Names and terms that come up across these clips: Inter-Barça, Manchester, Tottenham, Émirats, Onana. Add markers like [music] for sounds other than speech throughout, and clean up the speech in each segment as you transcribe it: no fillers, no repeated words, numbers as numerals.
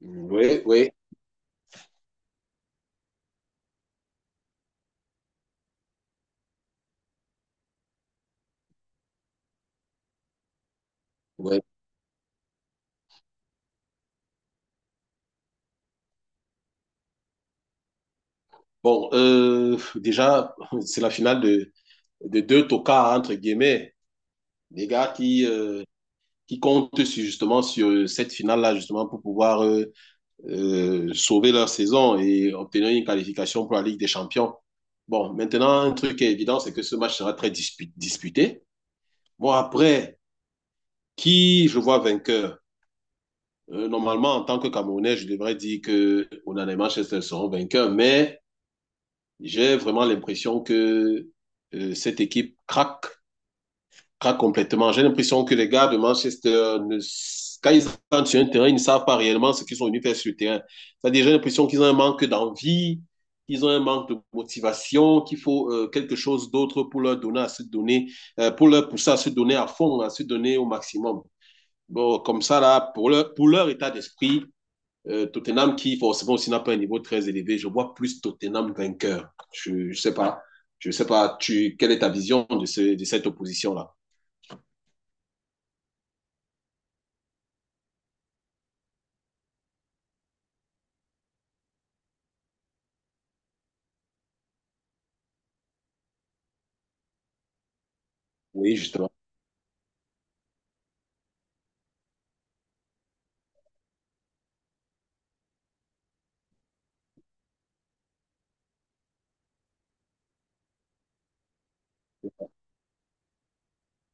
Oui, oui, oui. Bon, déjà, [laughs] c'est la finale de deux tocards, entre guillemets, des gars qui comptent sur- justement sur cette finale-là, justement, pour pouvoir sauver leur saison et obtenir une qualification pour la Ligue des Champions. Bon, maintenant, un truc qui est évident, c'est que ce match sera très disputé. Bon, après, qui je vois vainqueur? Normalement, en tant que Camerounais, je devrais dire que Onana et Manchester seront vainqueurs, mais... J'ai vraiment l'impression que cette équipe craque, craque complètement. J'ai l'impression que les gars de Manchester, ne, quand ils entrent sur un terrain, ils ne savent pas réellement ce qu'ils sont venus faire sur le terrain. C'est-à-dire, j'ai l'impression qu'ils ont un manque d'envie, qu'ils ont un manque de motivation, qu'il faut quelque chose d'autre pour leur donner à se donner, pour leur pousser à se donner à fond, à se donner au maximum. Bon, comme ça, là, pour leur état d'esprit, Tottenham qui forcément aussi n'a pas un niveau très élevé. Je vois plus Tottenham vainqueur. Je ne sais pas. Je sais pas. Tu, quelle est ta vision de, de cette opposition-là? Oui, justement.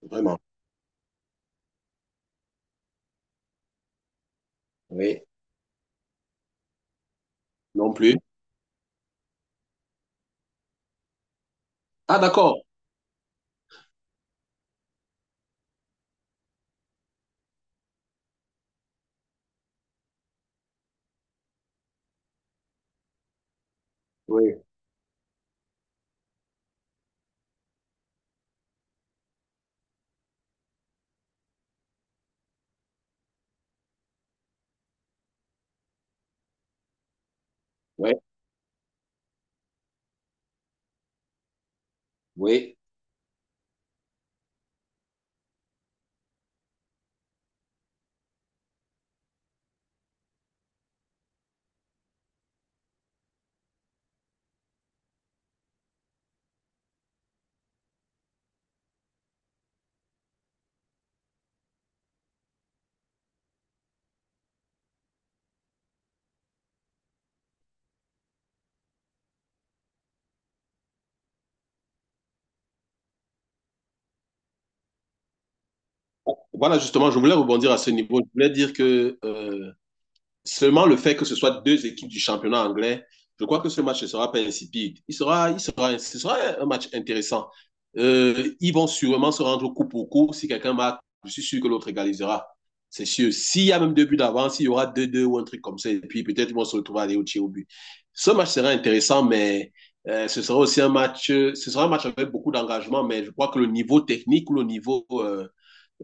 Vraiment. Oui. Non plus. Ah, d'accord. Oui. Oui, oui. Voilà, justement, je voulais rebondir à ce niveau. Je voulais dire que seulement le fait que ce soit deux équipes du championnat anglais, je crois que ce match ne sera pas insipide. Il sera, ce sera un match intéressant. Ils vont sûrement se rendre coup pour coup. Si quelqu'un marque, je suis sûr que l'autre égalisera. C'est sûr. S'il y a même deux buts d'avance, il y aura deux deux ou un truc comme ça. Et puis peut-être ils vont se retrouver à aller au tir au but. Ce match sera intéressant, mais ce sera aussi un match, ce sera un match avec beaucoup d'engagement, mais je crois que le niveau technique ou le niveau,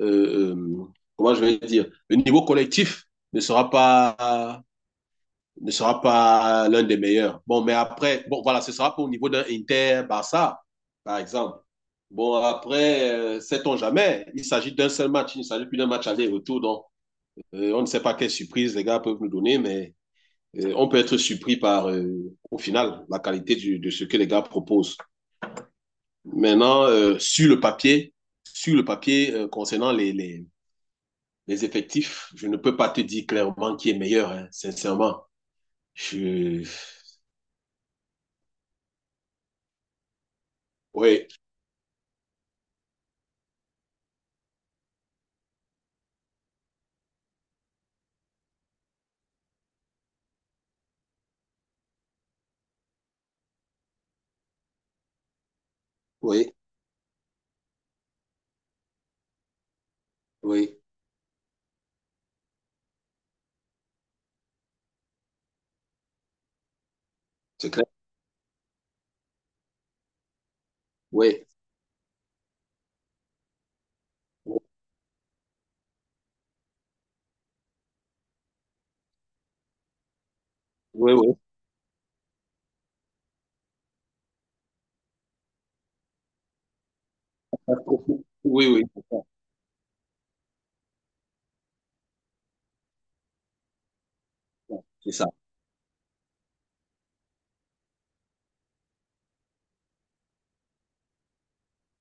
euh, euh, comment je vais dire, le niveau collectif ne sera pas ne sera pas l'un des meilleurs. Bon, mais après, bon, voilà, ce sera pas au niveau d'un Inter-Barça, par exemple. Bon, après, sait-on jamais. Il s'agit d'un seul match, il ne s'agit plus d'un match aller-retour. Donc, on ne sait pas quelle surprise les gars peuvent nous donner, mais on peut être surpris par, au final, la qualité du, de ce que les gars proposent. Maintenant, sur le papier concernant les, effectifs, je ne peux pas te dire clairement qui est meilleur, hein, sincèrement. Je... Oui, oui. Oui, c'est clair. Oui, oui, oui. Oui, oui, c'est ça. C'est ça.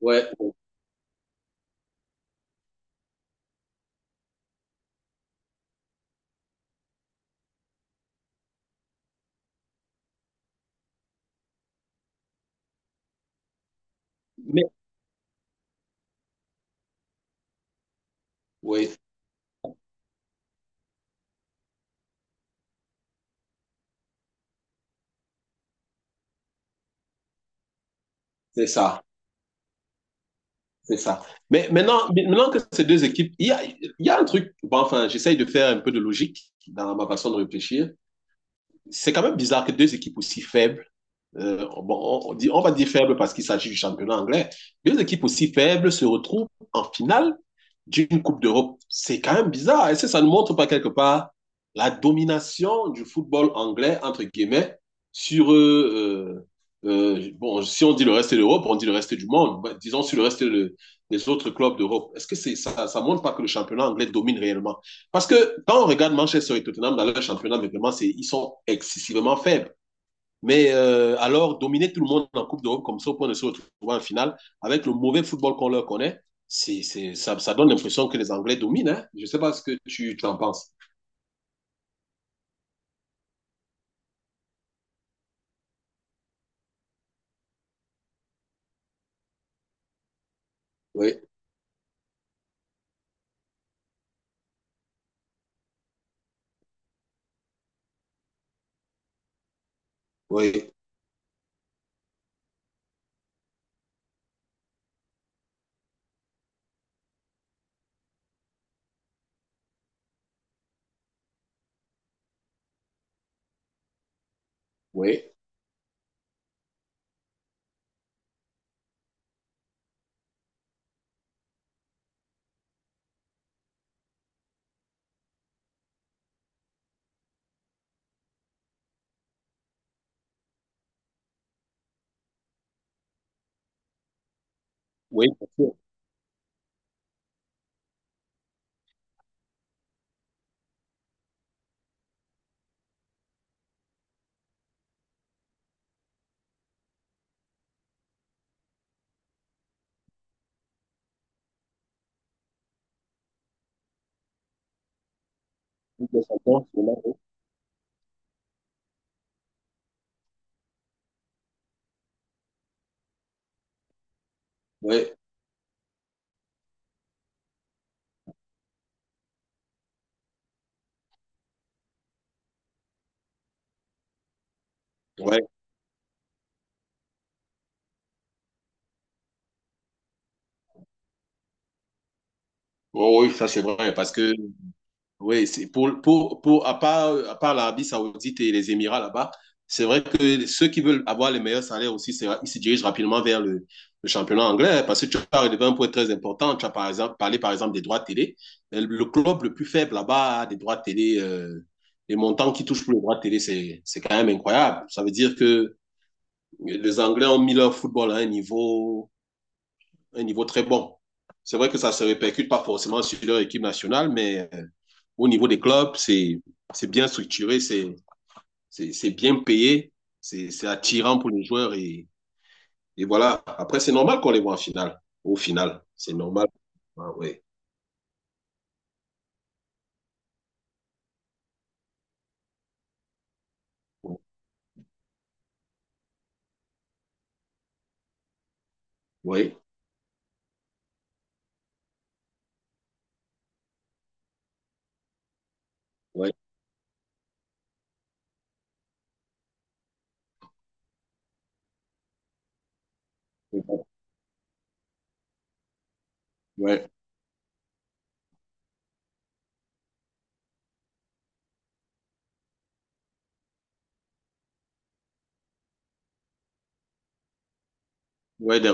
Ouais, ouais. Mais, oui, c'est ça. C'est ça. Mais maintenant, maintenant que ces deux équipes, il y a un truc, bon, enfin, j'essaye de faire un peu de logique dans ma façon de réfléchir. C'est quand même bizarre que deux équipes aussi faibles bon, on dit, on va dire faible parce qu'il s'agit du championnat anglais. Deux équipes aussi faibles se retrouvent en finale d'une Coupe d'Europe. C'est quand même bizarre. Est-ce que ça ne montre pas quelque part la domination du football anglais, entre guillemets, sur, bon, si on dit le reste de l'Europe, on dit le reste du monde, bah, disons sur le des autres clubs d'Europe. Est-ce que c'est, ça montre pas que le championnat anglais domine réellement? Parce que quand on regarde Manchester et Tottenham dans leur championnat, mais vraiment, c'est, ils sont excessivement faibles. Mais alors, dominer tout le monde en Coupe d'Europe, comme ça, au point de se retrouver en finale, avec le mauvais football qu'on leur connaît, c'est, ça donne l'impression que les Anglais dominent. Hein. Je ne sais pas ce que tu t'en penses. Oui, oui, oui, oui, bien sûr. Oui, oui, oui, oui, ça c'est vrai, parce que oui, c'est pour, à part l'Arabie Saoudite et les Émirats là-bas, c'est vrai que ceux qui veulent avoir les meilleurs salaires aussi, ils se dirigent rapidement vers le championnat anglais hein, parce que tu as relevé un point très important. Tu as par exemple, parlé par exemple des droits de télé. Le club le plus faible là-bas a des droits de télé. Les montants qui touchent pour les droits de télé, c'est quand même incroyable. Ça veut dire que les Anglais ont mis leur football à un niveau très bon. C'est vrai que ça se répercute pas forcément sur leur équipe nationale, mais au niveau des clubs, c'est bien structuré, c'est bien payé, c'est attirant pour les joueurs. Et voilà, après, c'est normal qu'on les voit en finale. Au final, c'est normal. Ah, oui, oui, oui, oui, oui, des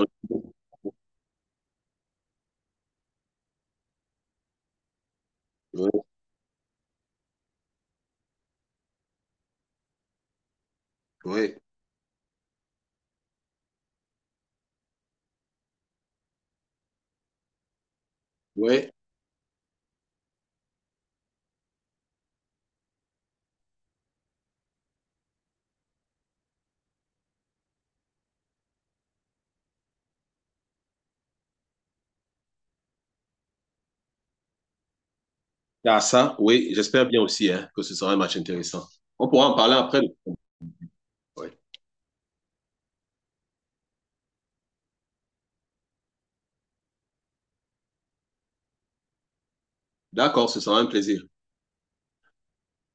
oui, oui, oui. Ah, ça, oui, j'espère bien aussi hein, que ce sera un match intéressant. On pourra en parler après. Ouais. D'accord, ce sera un plaisir.